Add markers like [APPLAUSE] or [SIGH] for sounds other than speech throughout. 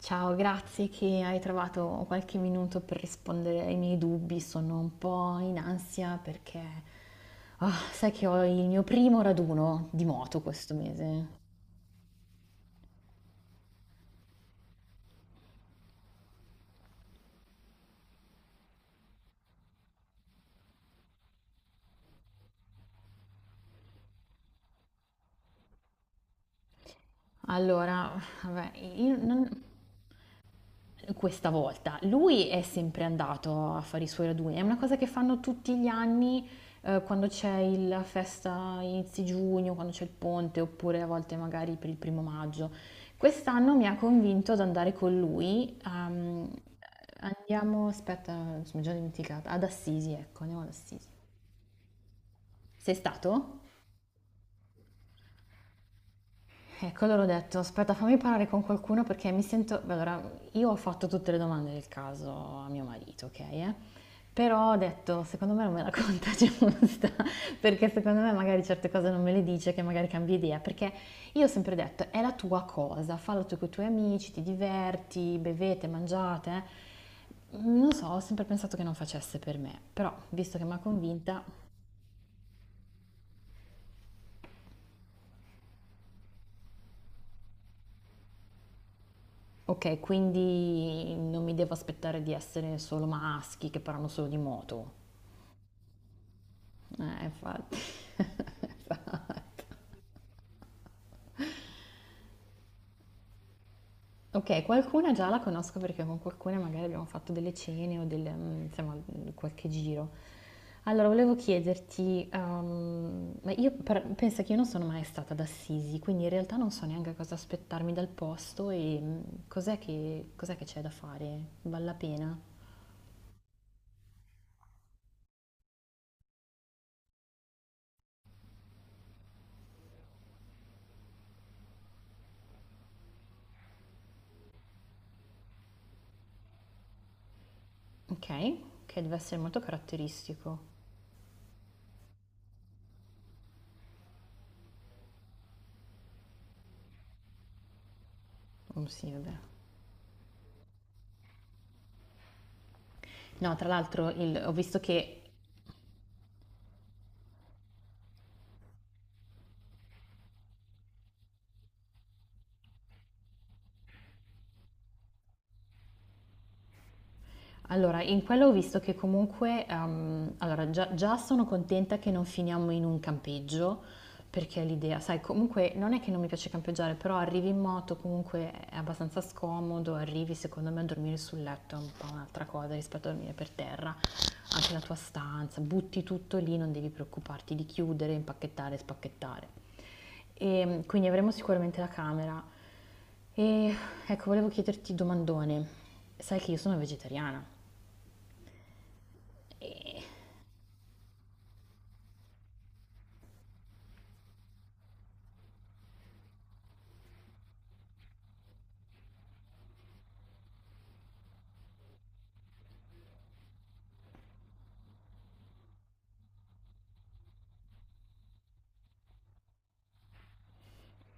Ciao, grazie che hai trovato qualche minuto per rispondere ai miei dubbi. Sono un po' in ansia perché sai che ho il mio primo raduno di moto questo mese. Allora, vabbè, io non. Questa volta lui è sempre andato a fare i suoi raduni, è una cosa che fanno tutti gli anni, quando c'è la festa inizio giugno, quando c'è il ponte, oppure a volte magari per il primo maggio. Quest'anno mi ha convinto ad andare con lui. Andiamo, aspetta, mi sono già dimenticata, ad Assisi, ecco, andiamo ad Assisi. Sei stato? Ecco, allora ho detto, aspetta, fammi parlare con qualcuno perché mi sento. Beh, allora, io ho fatto tutte le domande del caso a mio marito, ok? Eh? Però ho detto, secondo me non me la [LAUGHS] conta giusta, perché secondo me magari certe cose non me le dice, che magari cambia idea, perché io ho sempre detto, è la tua cosa, fallo tu con i tuoi amici, ti diverti, bevete, mangiate. Eh? Non so, ho sempre pensato che non facesse per me, però visto che mi ha convinta. Okay, quindi non mi devo aspettare di essere solo maschi che parlano solo di moto. Infatti. [LAUGHS] Okay, qualcuna già la conosco perché con qualcuna magari abbiamo fatto delle cene o delle, insomma, qualche giro. Allora volevo chiederti, ma io per pensa che io non sono mai stata ad Assisi, quindi in realtà non so neanche cosa aspettarmi dal posto e, cos'è che c'è da fare? Val la pena? Okay, che deve essere molto caratteristico. Oh, sì, vabbè. No, tra l'altro ho visto che. Allora, in quello ho visto che comunque, allora già sono contenta che non finiamo in un campeggio, perché l'idea, sai, comunque non è che non mi piace campeggiare, però arrivi in moto, comunque è abbastanza scomodo, arrivi secondo me a dormire sul letto è un po' un'altra cosa rispetto a dormire per terra, anche la tua stanza, butti tutto lì, non devi preoccuparti di chiudere, impacchettare, spacchettare. E, quindi avremo sicuramente la camera. E ecco, volevo chiederti domandone, sai che io sono vegetariana. Eh.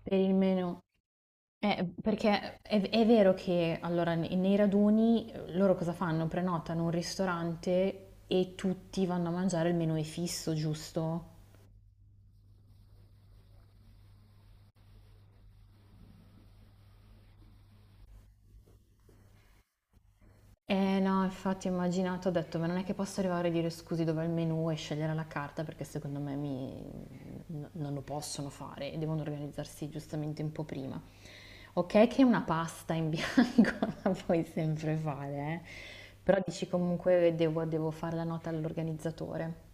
Per il meno. Perché è vero che allora nei raduni, loro cosa fanno? Prenotano un ristorante e tutti vanno a mangiare il menù è fisso, giusto? Eh no, infatti ho immaginato, ho detto: "Ma non è che posso arrivare e dire: "Scusi, dov'è il menù?" E scegliere la carta perché secondo me mi n non lo possono fare e devono organizzarsi giustamente un po' prima. Okay che una pasta in bianco [LAUGHS] la puoi sempre fare, però dici comunque devo fare la nota all'organizzatore.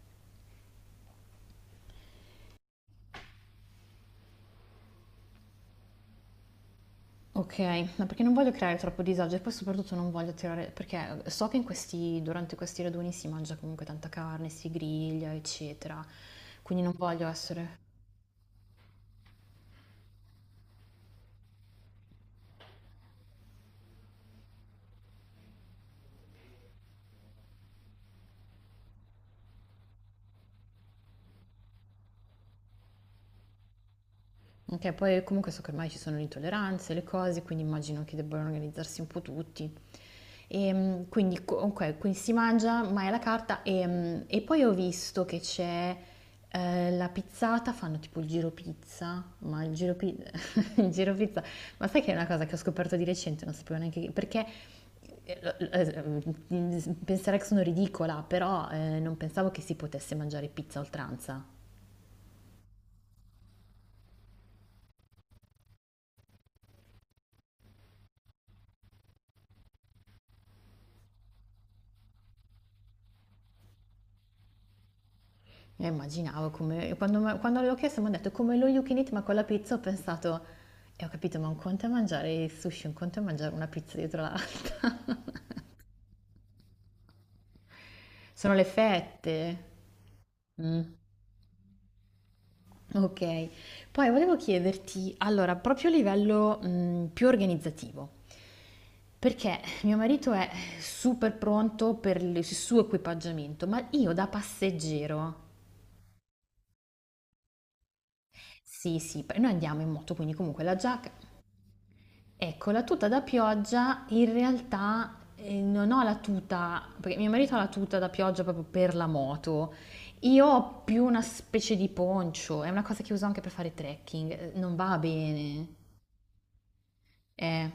Okay, ma perché non voglio creare troppo disagio e poi soprattutto non voglio tirare perché so che in questi durante questi raduni si mangia comunque tanta carne, si griglia, eccetera, quindi non voglio essere. Ok, poi comunque so che ormai ci sono le intolleranze, le cose, quindi immagino che debbano organizzarsi un po' tutti. E, quindi, ok, quindi si mangia, ma è alla carta. E, e poi ho visto che c'è la pizzata, fanno tipo il giro pizza, ma il giro, [LAUGHS] il giro pizza, ma sai che è una cosa che ho scoperto di recente, non sapevo neanche perché eh, eh, penserei che sono ridicola, però non pensavo che si potesse mangiare pizza a oltranza. Io immaginavo come, quando, quando l'ho chiesto mi hanno detto come lo you can eat ma con la pizza ho pensato e ho capito ma un conto è mangiare il sushi, un conto è mangiare una pizza dietro l'altra. [LAUGHS] Sono le fette. Mm, ok, poi volevo chiederti, allora, proprio a livello più organizzativo, perché mio marito è super pronto per il suo equipaggiamento, ma io da passeggero. Sì, sì, noi andiamo in moto, quindi comunque la giacca. Ecco, la tuta da pioggia in realtà, non ho la tuta, perché mio marito ha la tuta da pioggia proprio per la moto. Io ho più una specie di poncho, è una cosa che uso anche per fare trekking, non va bene. Eh,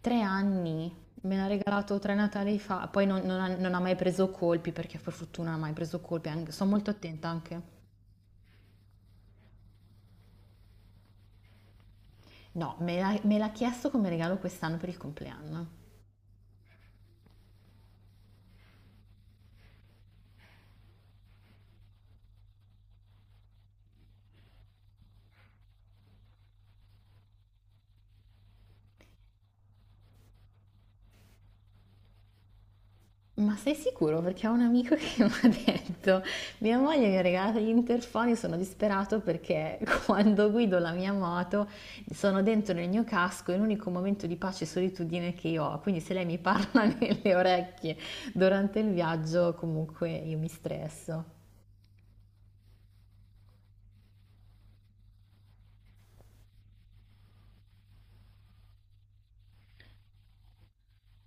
3 anni, me l'ha regalato 3 Natali fa, poi non ha mai preso colpi perché per fortuna non ha mai preso colpi, sono molto attenta anche. No, me l'ha chiesto come regalo quest'anno per il compleanno. Ma sei sicuro? Perché ho un amico [LAUGHS] che mi ha detto, mia moglie mi ha regalato gli interfoni, sono disperato perché [LAUGHS] quando guido la mia moto sono dentro nel mio casco, è l'unico momento di pace e solitudine che io ho, quindi se lei mi parla [LAUGHS] nelle orecchie durante il viaggio, comunque io mi stresso.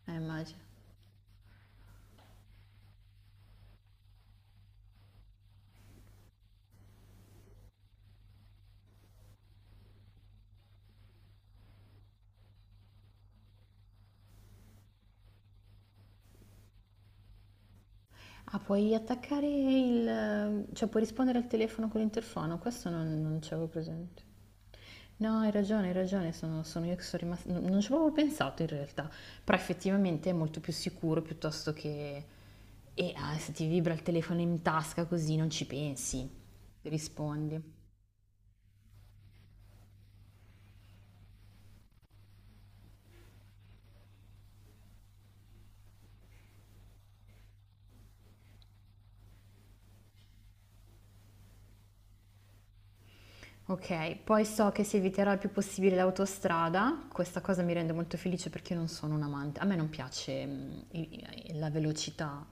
Immagino. Ah, puoi attaccare il, cioè puoi rispondere al telefono con l'interfono, questo non c'avevo presente. No, hai ragione, sono io che sono rimasta, non ci avevo pensato in realtà, però effettivamente è molto più sicuro piuttosto che. E se ti vibra il telefono in tasca così non ci pensi, rispondi. Ok, poi so che si eviterà il più possibile l'autostrada, questa cosa mi rende molto felice perché io non sono un amante, a me non piace, la velocità.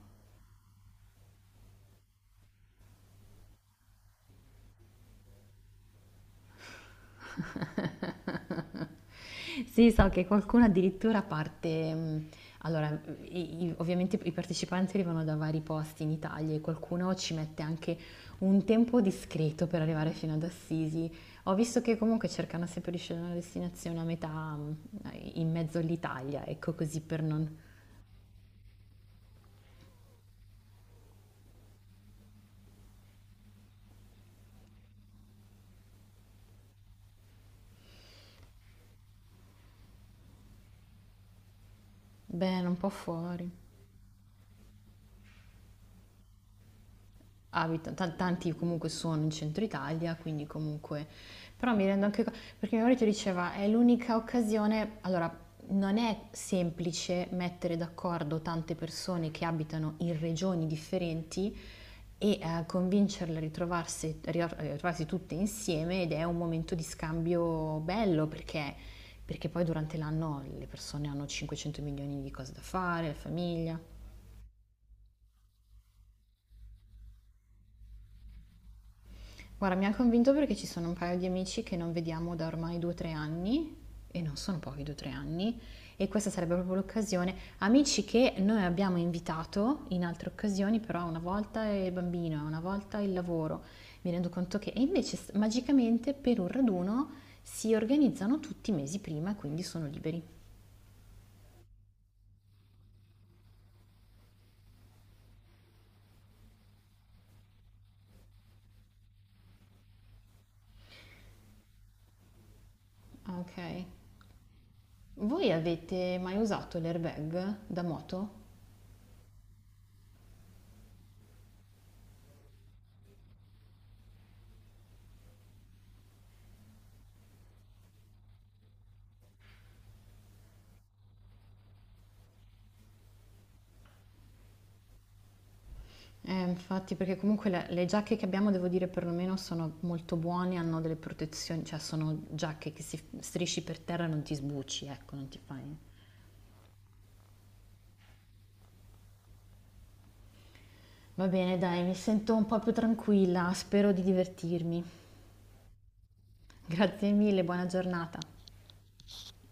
Sì, so che qualcuno addirittura parte, allora, ovviamente i partecipanti arrivano da vari posti in Italia e qualcuno ci mette anche un tempo discreto per arrivare fino ad Assisi. Ho visto che comunque cercano sempre di scegliere una destinazione a metà, mh, in mezzo all'Italia, ecco così per non. Beh, un po' fuori. Abitano, tanti comunque sono in centro Italia, quindi comunque. Però mi rendo anche conto, perché mio marito diceva, è l'unica occasione, allora non è semplice mettere d'accordo tante persone che abitano in regioni differenti e convincerle a ritrovarsi tutte insieme ed è un momento di scambio bello perché, poi durante l'anno le persone hanno 500 milioni di cose da fare, la famiglia. Guarda, mi ha convinto perché ci sono un paio di amici che non vediamo da ormai 2 o 3 anni, e non sono pochi 2 o 3 anni, e questa sarebbe proprio l'occasione. Amici che noi abbiamo invitato in altre occasioni, però una volta è il bambino, una volta il lavoro. Mi rendo conto che, e invece magicamente per un raduno si organizzano tutti i mesi prima, e quindi sono liberi. Ah, ok. Voi avete mai usato l'airbag da moto? Infatti, perché comunque le giacche che abbiamo, devo dire, perlomeno sono molto buone, hanno delle protezioni, cioè sono giacche che si strisci per terra e non ti sbucci, ecco, non ti fai. Va bene, dai, mi sento un po' più tranquilla, spero di divertirmi. [LAUGHS] Grazie mille, buona giornata.